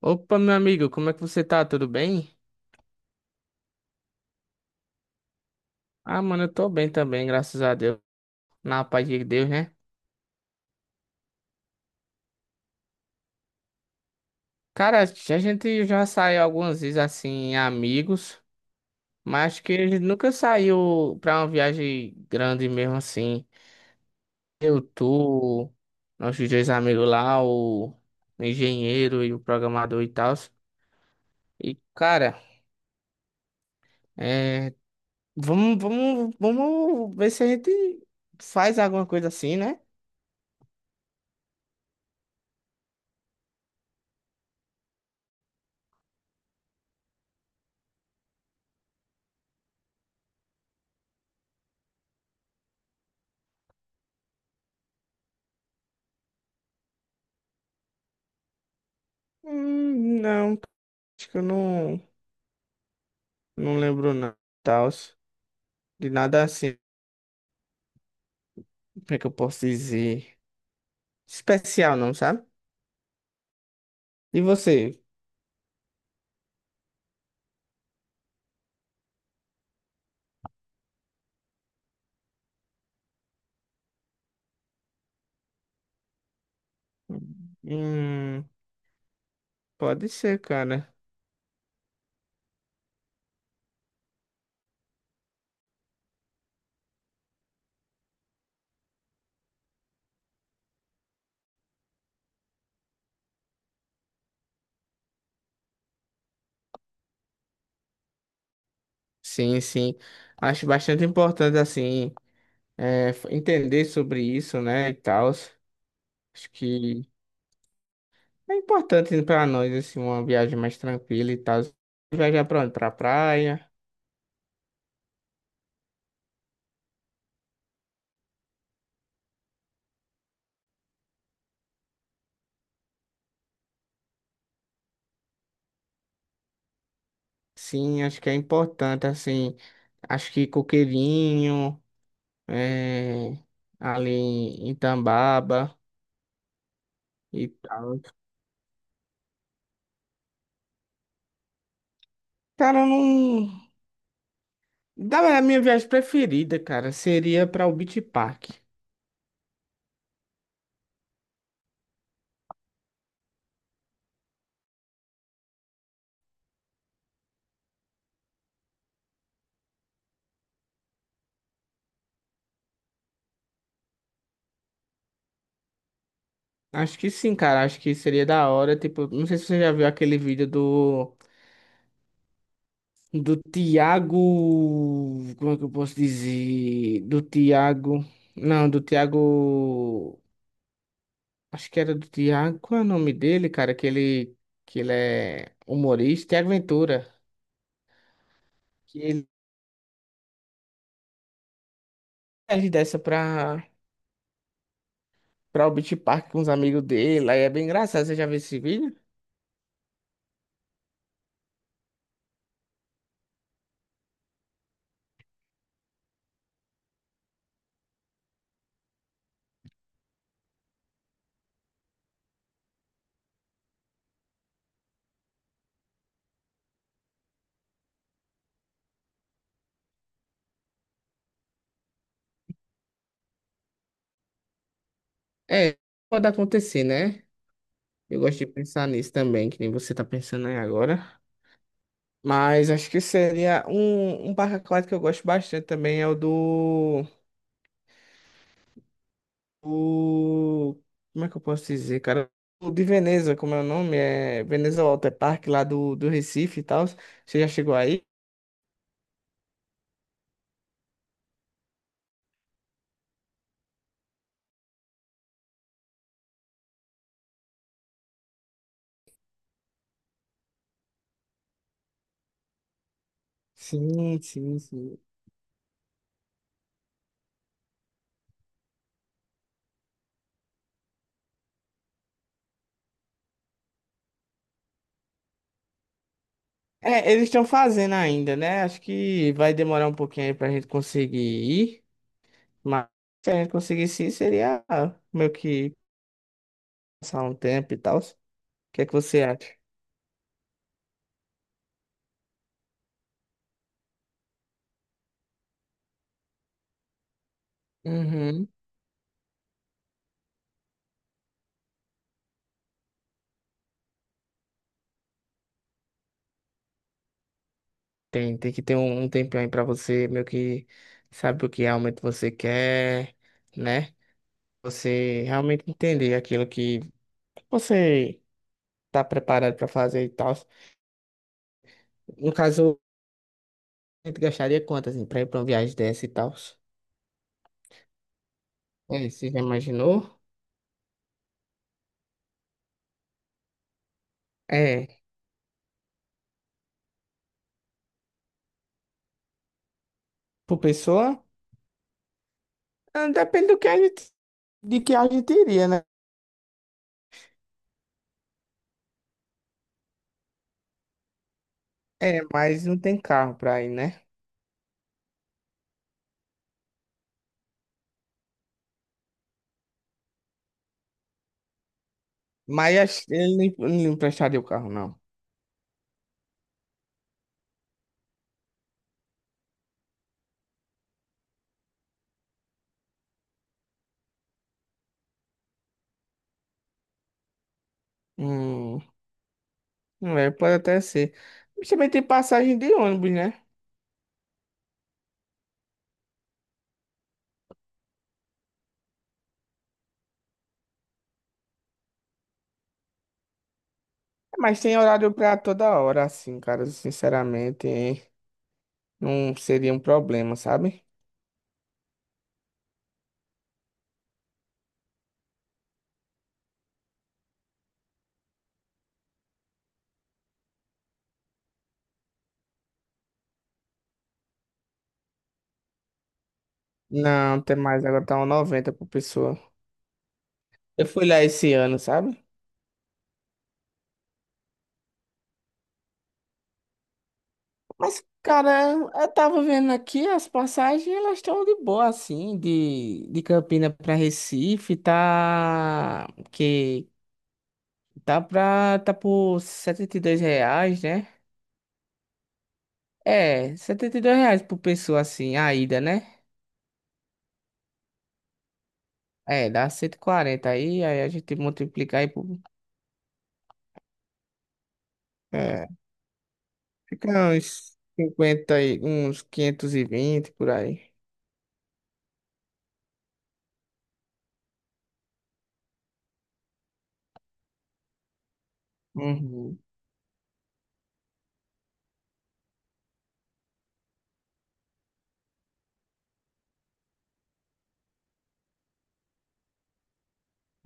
Opa, meu amigo, como é que você tá? Tudo bem? Ah, mano, eu tô bem também, graças a Deus. Na paz de Deus, né? Cara, a gente já saiu algumas vezes assim, amigos, mas acho que a gente nunca saiu pra uma viagem grande mesmo assim. Eu, tu, nossos dois amigos lá, o engenheiro e o programador e tal. E, cara, é... vamos ver se a gente faz alguma coisa assim, né? Não, acho que eu não. Não lembro não, tal, de nada assim, como é que eu posso dizer? Especial não, sabe? E você? Hum, pode ser, cara. Sim, sim. Acho bastante importante, assim, entender sobre isso, né, e tal. Acho que é importante para nós, assim, uma viagem mais tranquila e tal. Viajar pra onde? Pra praia. Sim, acho que é importante, assim, acho que Coqueirinho, é, ali em Tambaba. E tal. Cara, eu não. Da verdade, a minha viagem preferida, cara, seria pra o Beach Park. Acho que sim, cara. Acho que seria da hora. Tipo, não sei se você já viu aquele vídeo do. Do Tiago. Como é que eu posso dizer? Do Tiago. Não, do Tiago. Acho que era do Tiago. Qual é o nome dele, cara? Que ele. Que ele é humorista. Tiago Ventura. Que ele ele desce pra. Pra o Beach Park com os amigos dele. Aí é bem engraçado. Você já viu esse vídeo? É, pode acontecer, né? Eu gosto de pensar nisso também, que nem você tá pensando aí agora. Mas acho que seria um parque aquático que eu gosto bastante também é o do, o como é que eu posso dizer, cara? O de Veneza, como é o nome? É Veneza Water Park lá do Recife e tal. Você já chegou aí? Sim, sim, sim. É, eles estão fazendo ainda, né? Acho que vai demorar um pouquinho aí pra gente conseguir ir, mas se a gente conseguisse ir, seria meio que passar um tempo e tal. O que é que você acha? Uhum. Tem que ter um tempinho aí pra você, meio que sabe o que realmente você quer, né? Você realmente entender aquilo que você tá preparado pra fazer e tal. No caso, a gente gastaria quanto, assim, pra ir pra uma viagem dessa e tal? É, você já imaginou? É, por pessoa? Ah, depende do que a gente, de que a gente iria, né? É, mas não tem carro pra ir, né? Mas acho que ele não emprestaria o carro, não. Hum, é, pode até ser. Mas também tem passagem de ônibus, né? Mas tem horário pra toda hora, assim, cara. Sinceramente, não seria um problema, sabe? Não, tem mais. Agora tá um 90 por pessoa. Eu fui lá esse ano, sabe? Mas, cara, eu tava vendo aqui as passagens, elas estão de boa, assim, de Campina pra Recife, tá. Que tá pra. Tá por R$ 72, né? É, R$ 72 reais por pessoa assim, a ida, né? É, dá 140 aí, aí a gente multiplica aí por. É, fica uns 50 e uns 520 por aí. Uhum,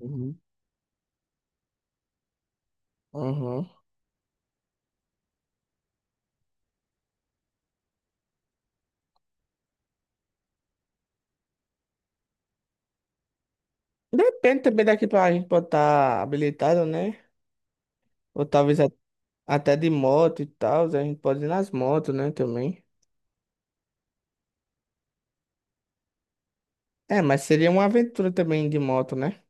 uhum, uhum. Depende também daqui pra gente pode estar habilitado, né? Ou talvez a- até de moto e tal, a gente pode ir nas motos, né, também. É, mas seria uma aventura também de moto, né?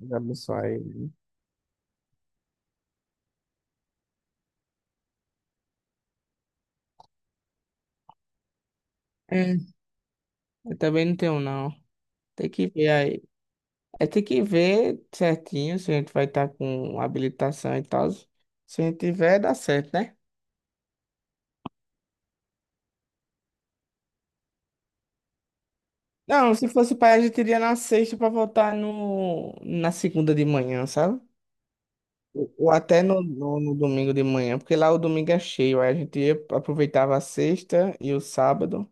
Já pensou aí. É, eu também não tenho, não. Tem que ver aí. É ter que ver certinho se a gente vai estar com habilitação e tal. Se a gente tiver, dá certo, né? Não, se fosse pai, a gente iria na sexta pra voltar no, na segunda de manhã, sabe? Ou até no, no, no domingo de manhã, porque lá o domingo é cheio, aí a gente ia, aproveitava a sexta e o sábado.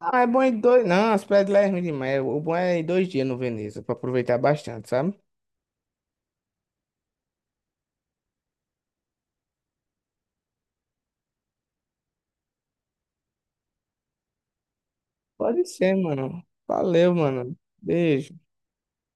Ah, é bom em dois. Não, as praias de lá é ruim demais. O bom é ir dois dias no Veneza, pra aproveitar bastante, sabe? Pode ser, mano. Valeu, mano. Beijo.